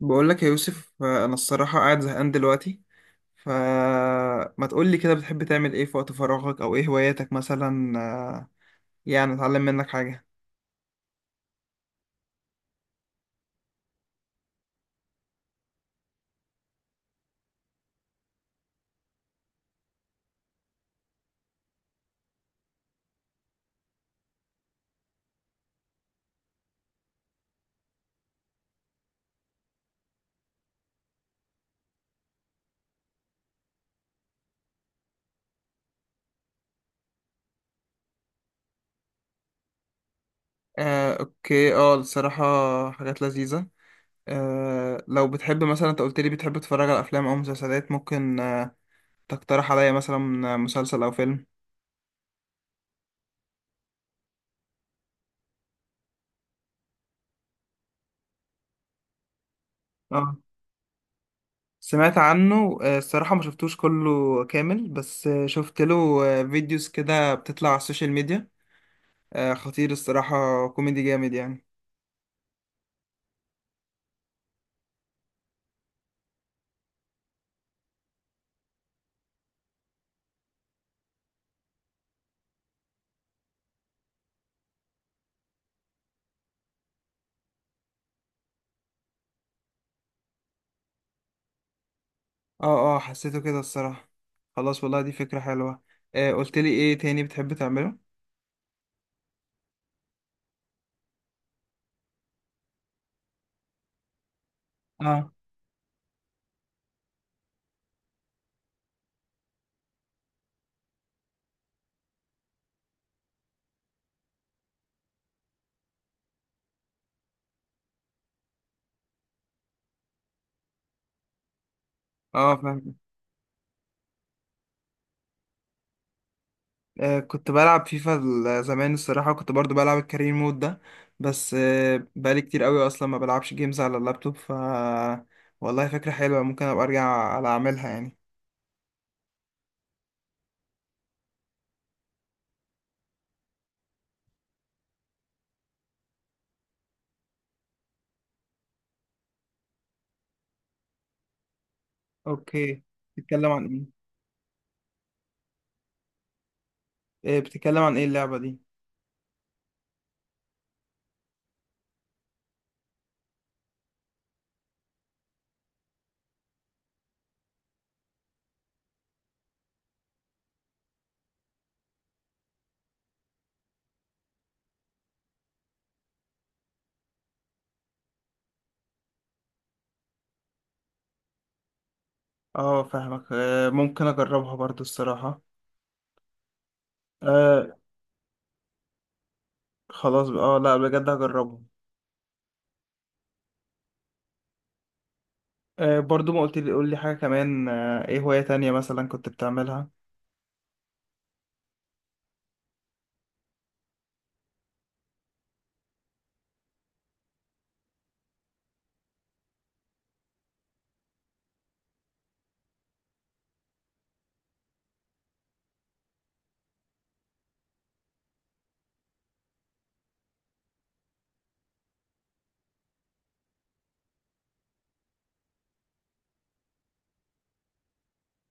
بقول لك يا يوسف، انا الصراحه قاعد زهقان دلوقتي. فما تقول لي كده، بتحب تعمل ايه في وقت فراغك؟ او ايه هواياتك مثلا؟ يعني اتعلم منك حاجه. اوكي. اه الصراحه، حاجات لذيذه. لو بتحب، مثلا انت قلت لي بتحب تتفرج على افلام او مسلسلات، ممكن تقترح عليا مثلا مسلسل او فيلم؟ اه، سمعت عنه. الصراحه ما شفتوش كله كامل، بس شفت له فيديوز كده بتطلع على السوشيال ميديا. خطير الصراحة، كوميدي جامد يعني. اه، اه، حسيته كده الصراحة. خلاص والله، دي فكرة حلوة. قلت لي ايه تاني بتحب تعمله؟ اه، اه، فاهم. كنت بلعب فيفا زمان الصراحة، كنت برضو بلعب الكارير مود ده. بس بقالي كتير قوي اصلا ما بلعبش جيمز على اللابتوب. والله فكرة حلوة، ممكن ابقى ارجع على اعملها يعني. اوكي. بتتكلم عن بتتكلم عن ايه اللعبة دي؟ اه، فاهمك. ممكن اجربها برضو الصراحة. آه خلاص. اه لا، بجد هجربها. برضو ما قلت لي، قول لي حاجة كمان. ايه هواية تانية مثلا كنت بتعملها؟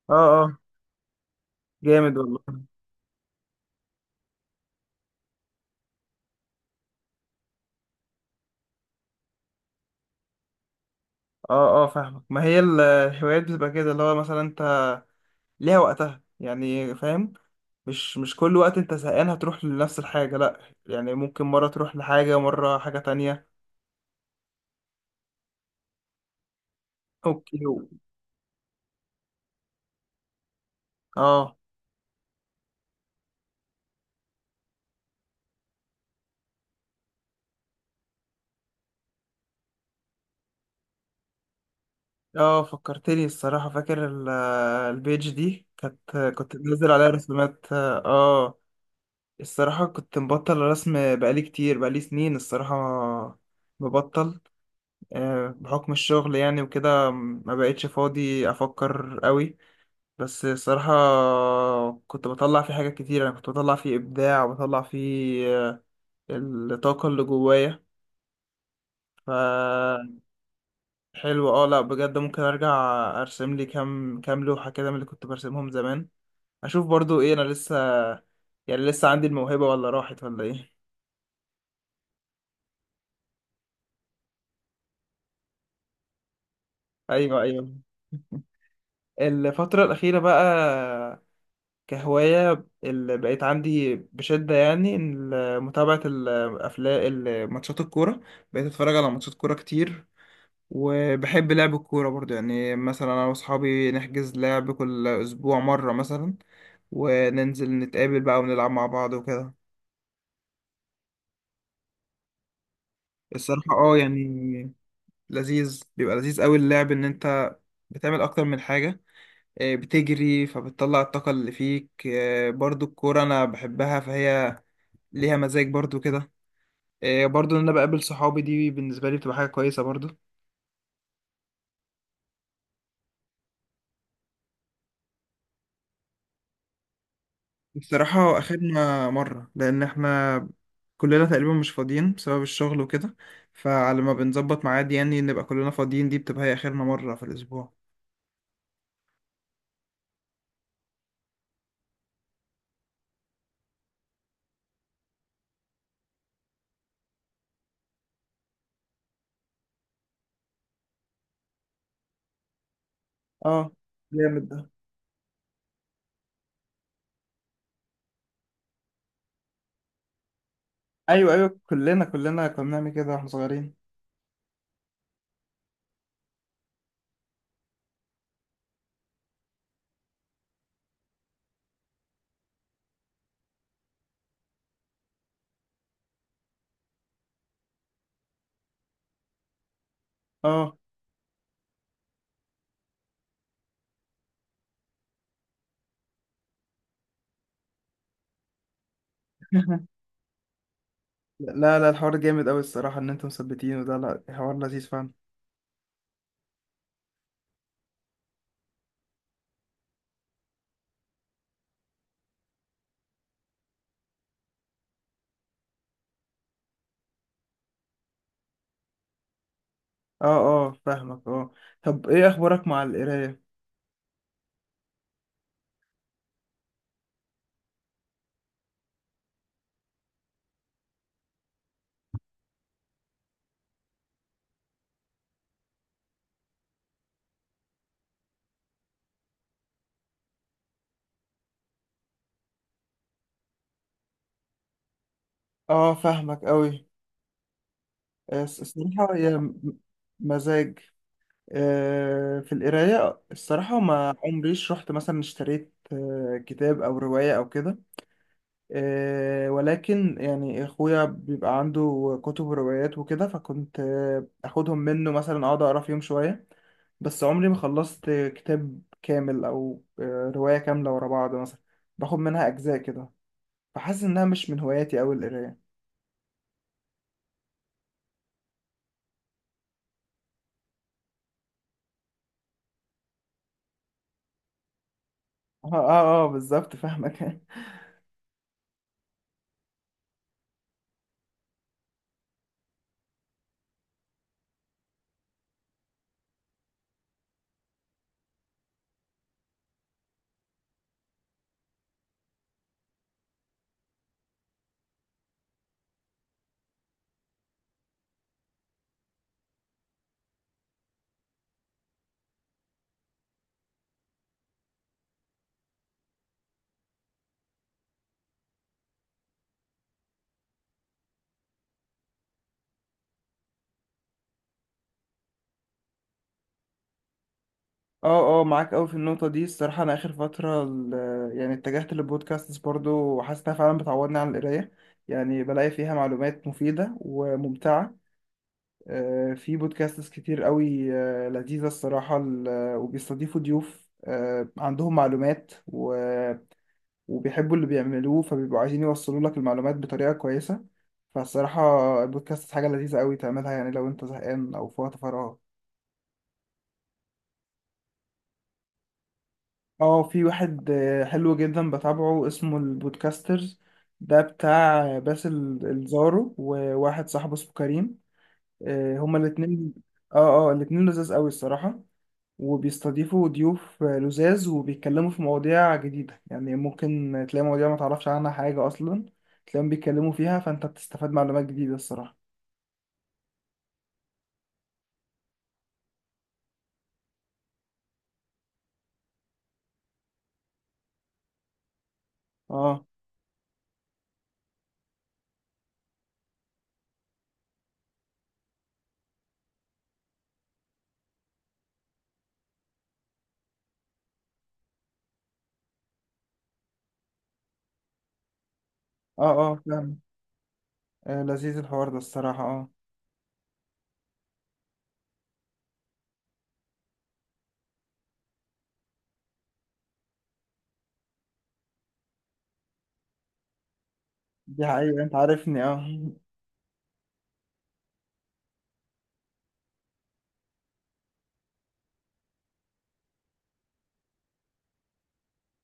اه، اه، جامد والله. اه، اه، فاهمك. ما هي الهوايات بتبقى كده، اللي هو مثلا انت ليها وقتها يعني، فاهم؟ مش كل وقت انت زهقان هتروح لنفس الحاجة، لا. يعني ممكن مرة تروح لحاجة، مرة حاجة تانية. اوكي. اه، اه، فكرتني الصراحة. فاكر البيج دي، كنت منزل عليها رسومات الصراحة كنت مبطل رسم بقالي كتير، بقالي سنين الصراحة مبطل. بحكم الشغل يعني وكده ما بقتش فاضي أفكر قوي. بس الصراحة كنت بطلع فيه حاجات كتير، أنا كنت بطلع فيه إبداع وبطلع فيه الطاقة اللي جوايا. فحلو. اه، لأ بجد ممكن أرجع أرسم لي كام كام لوحة كده، من اللي كنت برسمهم زمان. أشوف برضو إيه، أنا لسه، يعني لسه عندي الموهبة ولا راحت، ولا إيه؟ أيوه، أيوه، الفترة الأخيرة بقى، كهواية اللي بقيت عندي بشدة يعني، متابعة الأفلام، ماتشات الكورة. بقيت أتفرج على ماتشات كورة كتير. وبحب لعب الكورة برضو يعني. مثلا أنا وأصحابي نحجز لعب كل أسبوع مرة مثلا، وننزل نتقابل بقى ونلعب مع بعض وكده. الصراحة اه يعني، لذيذ، بيبقى لذيذ أوي اللعب، إن أنت بتعمل أكتر من حاجة. بتجري فبتطلع الطاقة اللي فيك. برضو الكورة أنا بحبها، فهي ليها مزاج برضو كده. برضو إن أنا بقابل صحابي دي بالنسبة لي بتبقى حاجة كويسة برضو. بصراحة أخدنا مرة لأن إحنا كلنا تقريبا مش فاضيين بسبب الشغل وكده. فعلى ما بنظبط ميعاد يعني نبقى كلنا فاضيين، دي بتبقى هي آخرنا مرة في الأسبوع. اه جامد ده. أيوه، أيوه، كلنا، كلنا كنا بنعمل كده واحنا صغيرين. اه لا، لا، الحوار جامد أوي الصراحة إن أنتم مثبتين. وده لا، حوار لذيذ فعلا. اه، اه، فاهمك. اه طب ايه اخبارك مع القرايه؟ اه، فاهمك قوي. الصراحه هي مزاج في القرايه. الصراحه ما عمريش رحت مثلا اشتريت كتاب او روايه او كده. ولكن يعني اخويا بيبقى عنده كتب وروايات وكده، فكنت اخدهم منه مثلا اقعد اقرا فيهم شويه. بس عمري ما خلصت كتاب كامل او روايه كامله ورا بعض، مثلا باخد منها اجزاء كده. فحاسس انها مش من هواياتي اوي القرايه. اه، اه، اه، بالظبط فاهمك. اه، اه، معاك اوي في النقطه دي. الصراحه انا اخر فتره يعني اتجهت للبودكاستس برضو، وحاسس انها فعلا بتعوضني عن القرايه. يعني بلاقي فيها معلومات مفيده وممتعه. في بودكاستس كتير اوي لذيذه الصراحه، وبيستضيفوا ضيوف عندهم معلومات وبيحبوا اللي بيعملوه، فبيبقوا عايزين يوصلوا لك المعلومات بطريقة كويسة. فالصراحة البودكاست حاجة لذيذة قوي تعملها، يعني لو انت زهقان او في وقت فراغ. اه، في واحد حلو جدا بتابعه، اسمه البودكاسترز. ده بتاع باسل الزارو وواحد صاحبه اسمه كريم. هما الاتنين. اه، اه، الاتنين لذاذ قوي الصراحة. وبيستضيفوا ضيوف لزاز، وبيتكلموا في مواضيع جديدة. يعني ممكن تلاقي مواضيع ما تعرفش عنها حاجة أصلا، تلاقيهم بيتكلموا فيها، فأنت بتستفاد معلومات جديدة الصراحة. اه، اه، اه، فاهم. لذيذ الحوار ده الصراحة اه. دي حقيقة، أنت عارفني اه.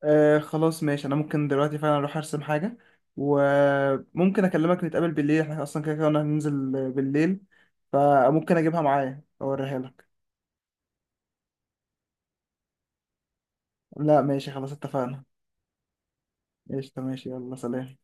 خلاص ماشي. أنا ممكن دلوقتي فعلا أروح أرسم حاجة. وممكن أكلمك نتقابل بالليل، احنا أصلا كده كده قلنا هننزل بالليل. فممكن أجيبها معايا أوريها لك. لا ماشي، خلاص اتفقنا. قشطة ماشي، يلا سلام.